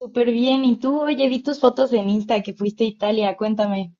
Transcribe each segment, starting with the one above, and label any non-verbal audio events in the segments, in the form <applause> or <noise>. Súper bien. ¿Y tú? Oye, vi tus fotos en Insta que fuiste a Italia. Cuéntame.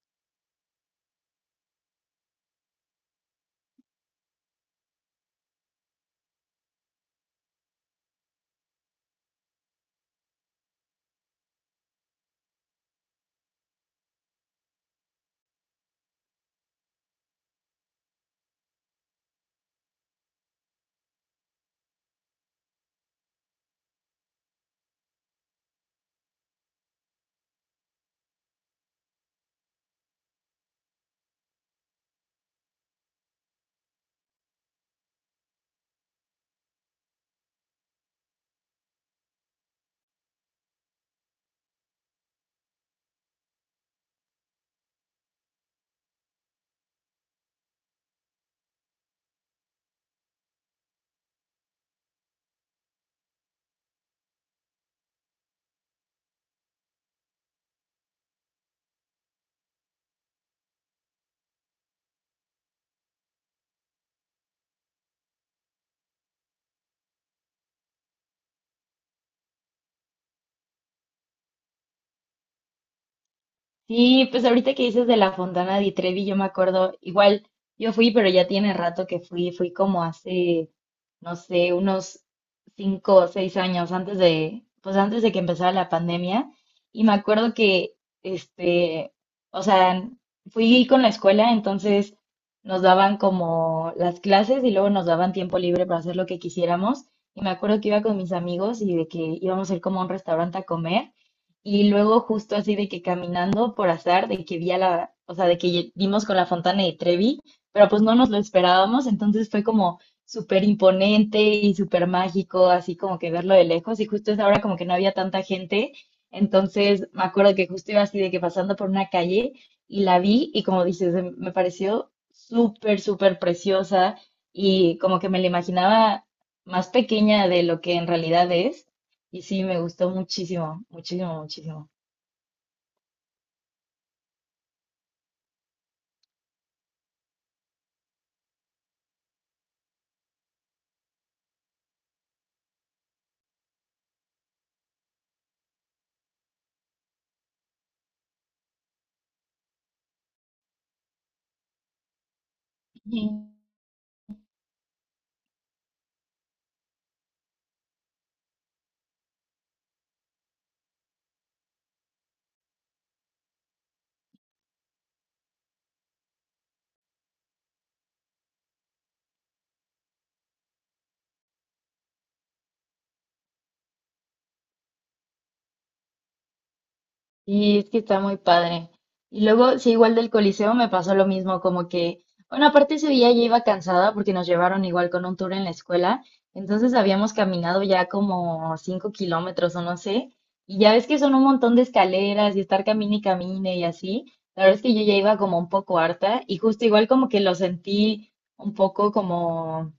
Sí, pues ahorita que dices de la Fontana di Trevi, yo me acuerdo, igual yo fui, pero ya tiene rato que fui como hace, no sé, unos 5 o 6 años antes pues antes de que empezara la pandemia, y me acuerdo que, este, o sea, fui con la escuela, entonces nos daban como las clases y luego nos daban tiempo libre para hacer lo que quisiéramos, y me acuerdo que iba con mis amigos y de que íbamos a ir como a un restaurante a comer. Y luego justo así de que caminando por azar, de que vi a la, o sea, de que dimos con la Fontana de Trevi, pero pues no nos lo esperábamos, entonces fue como súper imponente y súper mágico, así como que verlo de lejos, y justo esa hora como que no había tanta gente, entonces me acuerdo que justo iba así de que pasando por una calle y la vi y como dices, me pareció súper, súper preciosa y como que me la imaginaba más pequeña de lo que en realidad es. Y sí, me gustó muchísimo, muchísimo, muchísimo. Ujú. Y es que está muy padre. Y luego, sí, igual del Coliseo me pasó lo mismo, como que, bueno, aparte ese día ya iba cansada porque nos llevaron igual con un tour en la escuela, entonces habíamos caminado ya como 5 kilómetros o no sé, y ya ves que son un montón de escaleras y estar camine y camine y así, la verdad es que yo ya iba como un poco harta y justo igual como que lo sentí un poco como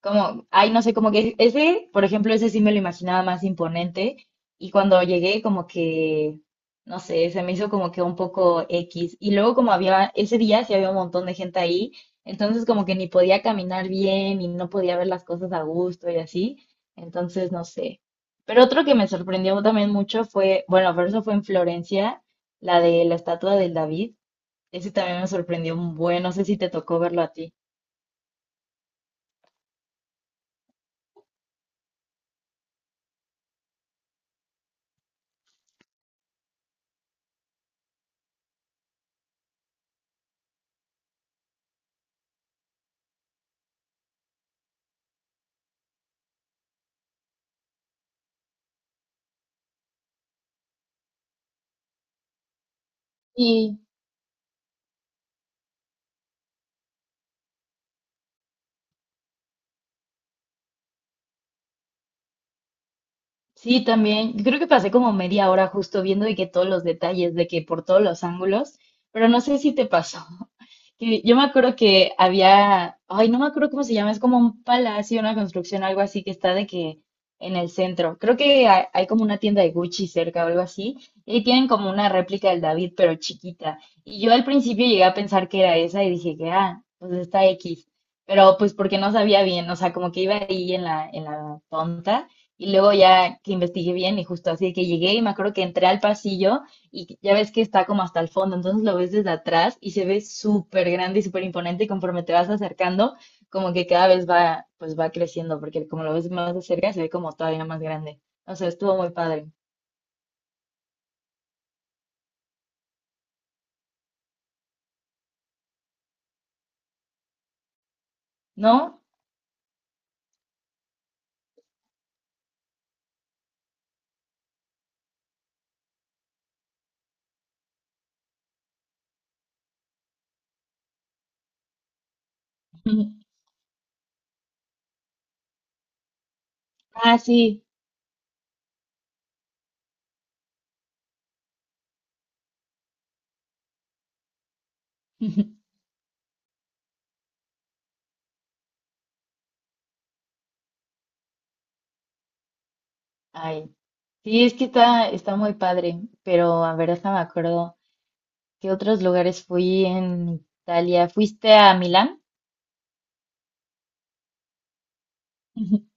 Como, ay, no sé, como que ese, por ejemplo, ese sí me lo imaginaba más imponente. Y cuando llegué, como que, no sé, se me hizo como que un poco X. Y luego, como había, ese día sí había un montón de gente ahí, entonces como que ni podía caminar bien y no podía ver las cosas a gusto y así. Entonces, no sé. Pero otro que me sorprendió también mucho fue, bueno, pero eso fue en Florencia, la de la estatua del David. Ese también me sorprendió un buen, no sé si te tocó verlo a ti. Sí, también. Creo que pasé como media hora justo viendo de que todos los detalles, de que por todos los ángulos, pero no sé si te pasó que yo me acuerdo que había, ay, no me acuerdo cómo se llama, es como un palacio, una construcción, algo así que está de que en el centro. Creo que hay como una tienda de Gucci cerca o algo así, y ahí tienen como una réplica del David, pero chiquita. Y yo al principio llegué a pensar que era esa y dije que, ah, pues está X. Pero pues porque no sabía bien, o sea, como que iba ahí en la, tonta. Y luego ya que investigué bien y justo así que llegué y me acuerdo que entré al pasillo y ya ves que está como hasta el fondo, entonces lo ves desde atrás y se ve súper grande y súper imponente y conforme te vas acercando, como que cada vez va, pues va creciendo, porque como lo ves más de cerca, se ve como todavía más grande. O sea, estuvo muy padre, ¿no? <laughs> Ah, sí. <laughs> Ay, sí, es que está, está muy padre, pero a ver, déjame acuerdo, ¿qué otros lugares fui en Italia? ¿Fuiste a Milán? <laughs>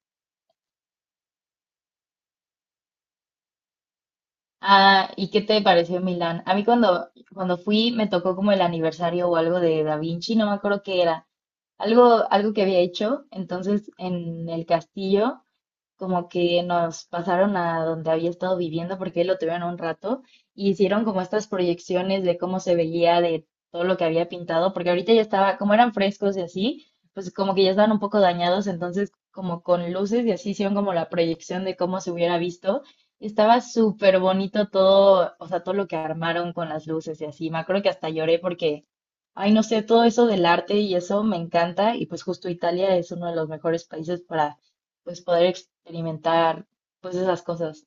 Ah, ¿y qué te pareció Milán? A mí cuando fui me tocó como el aniversario o algo de Da Vinci, no me acuerdo qué era, algo, algo que había hecho, entonces en el castillo como que nos pasaron a donde había estado viviendo porque él lo tuvieron un rato y hicieron como estas proyecciones de cómo se veía de todo lo que había pintado, porque ahorita ya estaba, como eran frescos y así, pues como que ya estaban un poco dañados, entonces como con luces y así hicieron como la proyección de cómo se hubiera visto. Estaba súper bonito todo, o sea, todo lo que armaron con las luces y así. Me acuerdo que hasta lloré porque ay, no sé, todo eso del arte y eso me encanta y pues justo Italia es uno de los mejores países para pues poder experimentar pues esas cosas.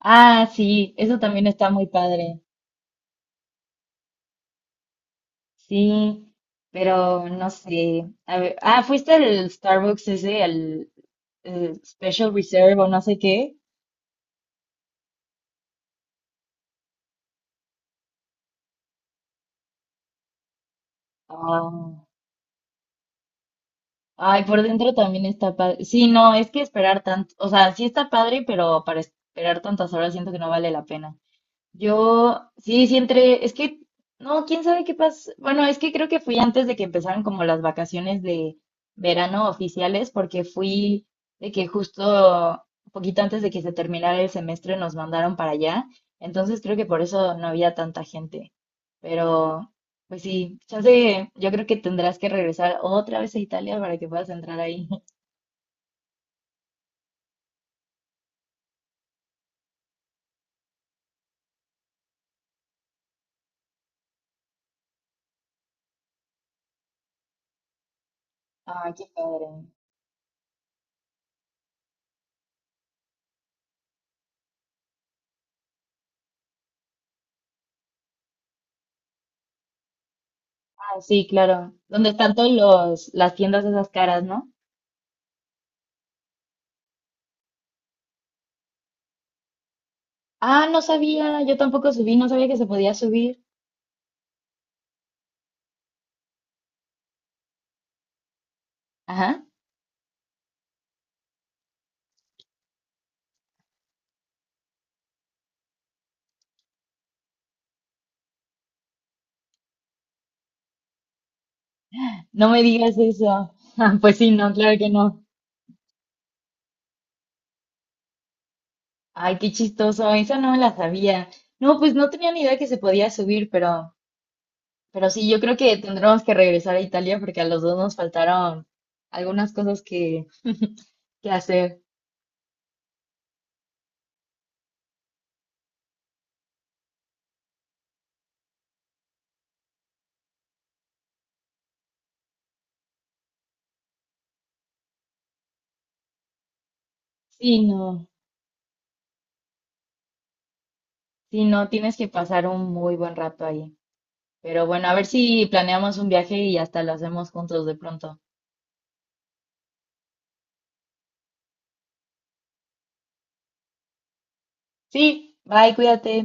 Ah, sí, eso también está muy padre. Sí, pero no sé. A ver, ah, ¿fuiste al Starbucks ese, al Special Reserve o no sé qué? Ah, ay, por dentro también está padre. Sí, no, es que esperar tanto, o sea, sí está padre, pero para esperar tantas horas siento que no vale la pena. Yo, sí, sí entré, es que, no, quién sabe qué pasó. Bueno, es que creo que fui antes de que empezaran como las vacaciones de verano oficiales, porque fui de que justo un poquito antes de que se terminara el semestre nos mandaron para allá. Entonces creo que por eso no había tanta gente. Pero, pues sí, chance, yo creo que tendrás que regresar otra vez a Italia para que puedas entrar ahí. <laughs> Ah, qué padre. Ah, sí, claro. Donde están todos los, las tiendas de esas caras, ¿no? Ah, no sabía, yo tampoco subí, no sabía que se podía subir. Ajá, no me digas eso. <laughs> Pues sí, no, claro que no. Ay, qué chistoso, esa no me la sabía. No, pues no tenía ni idea que se podía subir, pero sí, yo creo que tendremos que regresar a Italia porque a los dos nos faltaron algunas cosas que, hacer. Sí, no, sí, no, tienes que pasar un muy buen rato ahí. Pero bueno, a ver si planeamos un viaje y hasta lo hacemos juntos de pronto. Sí, bye, cuídate.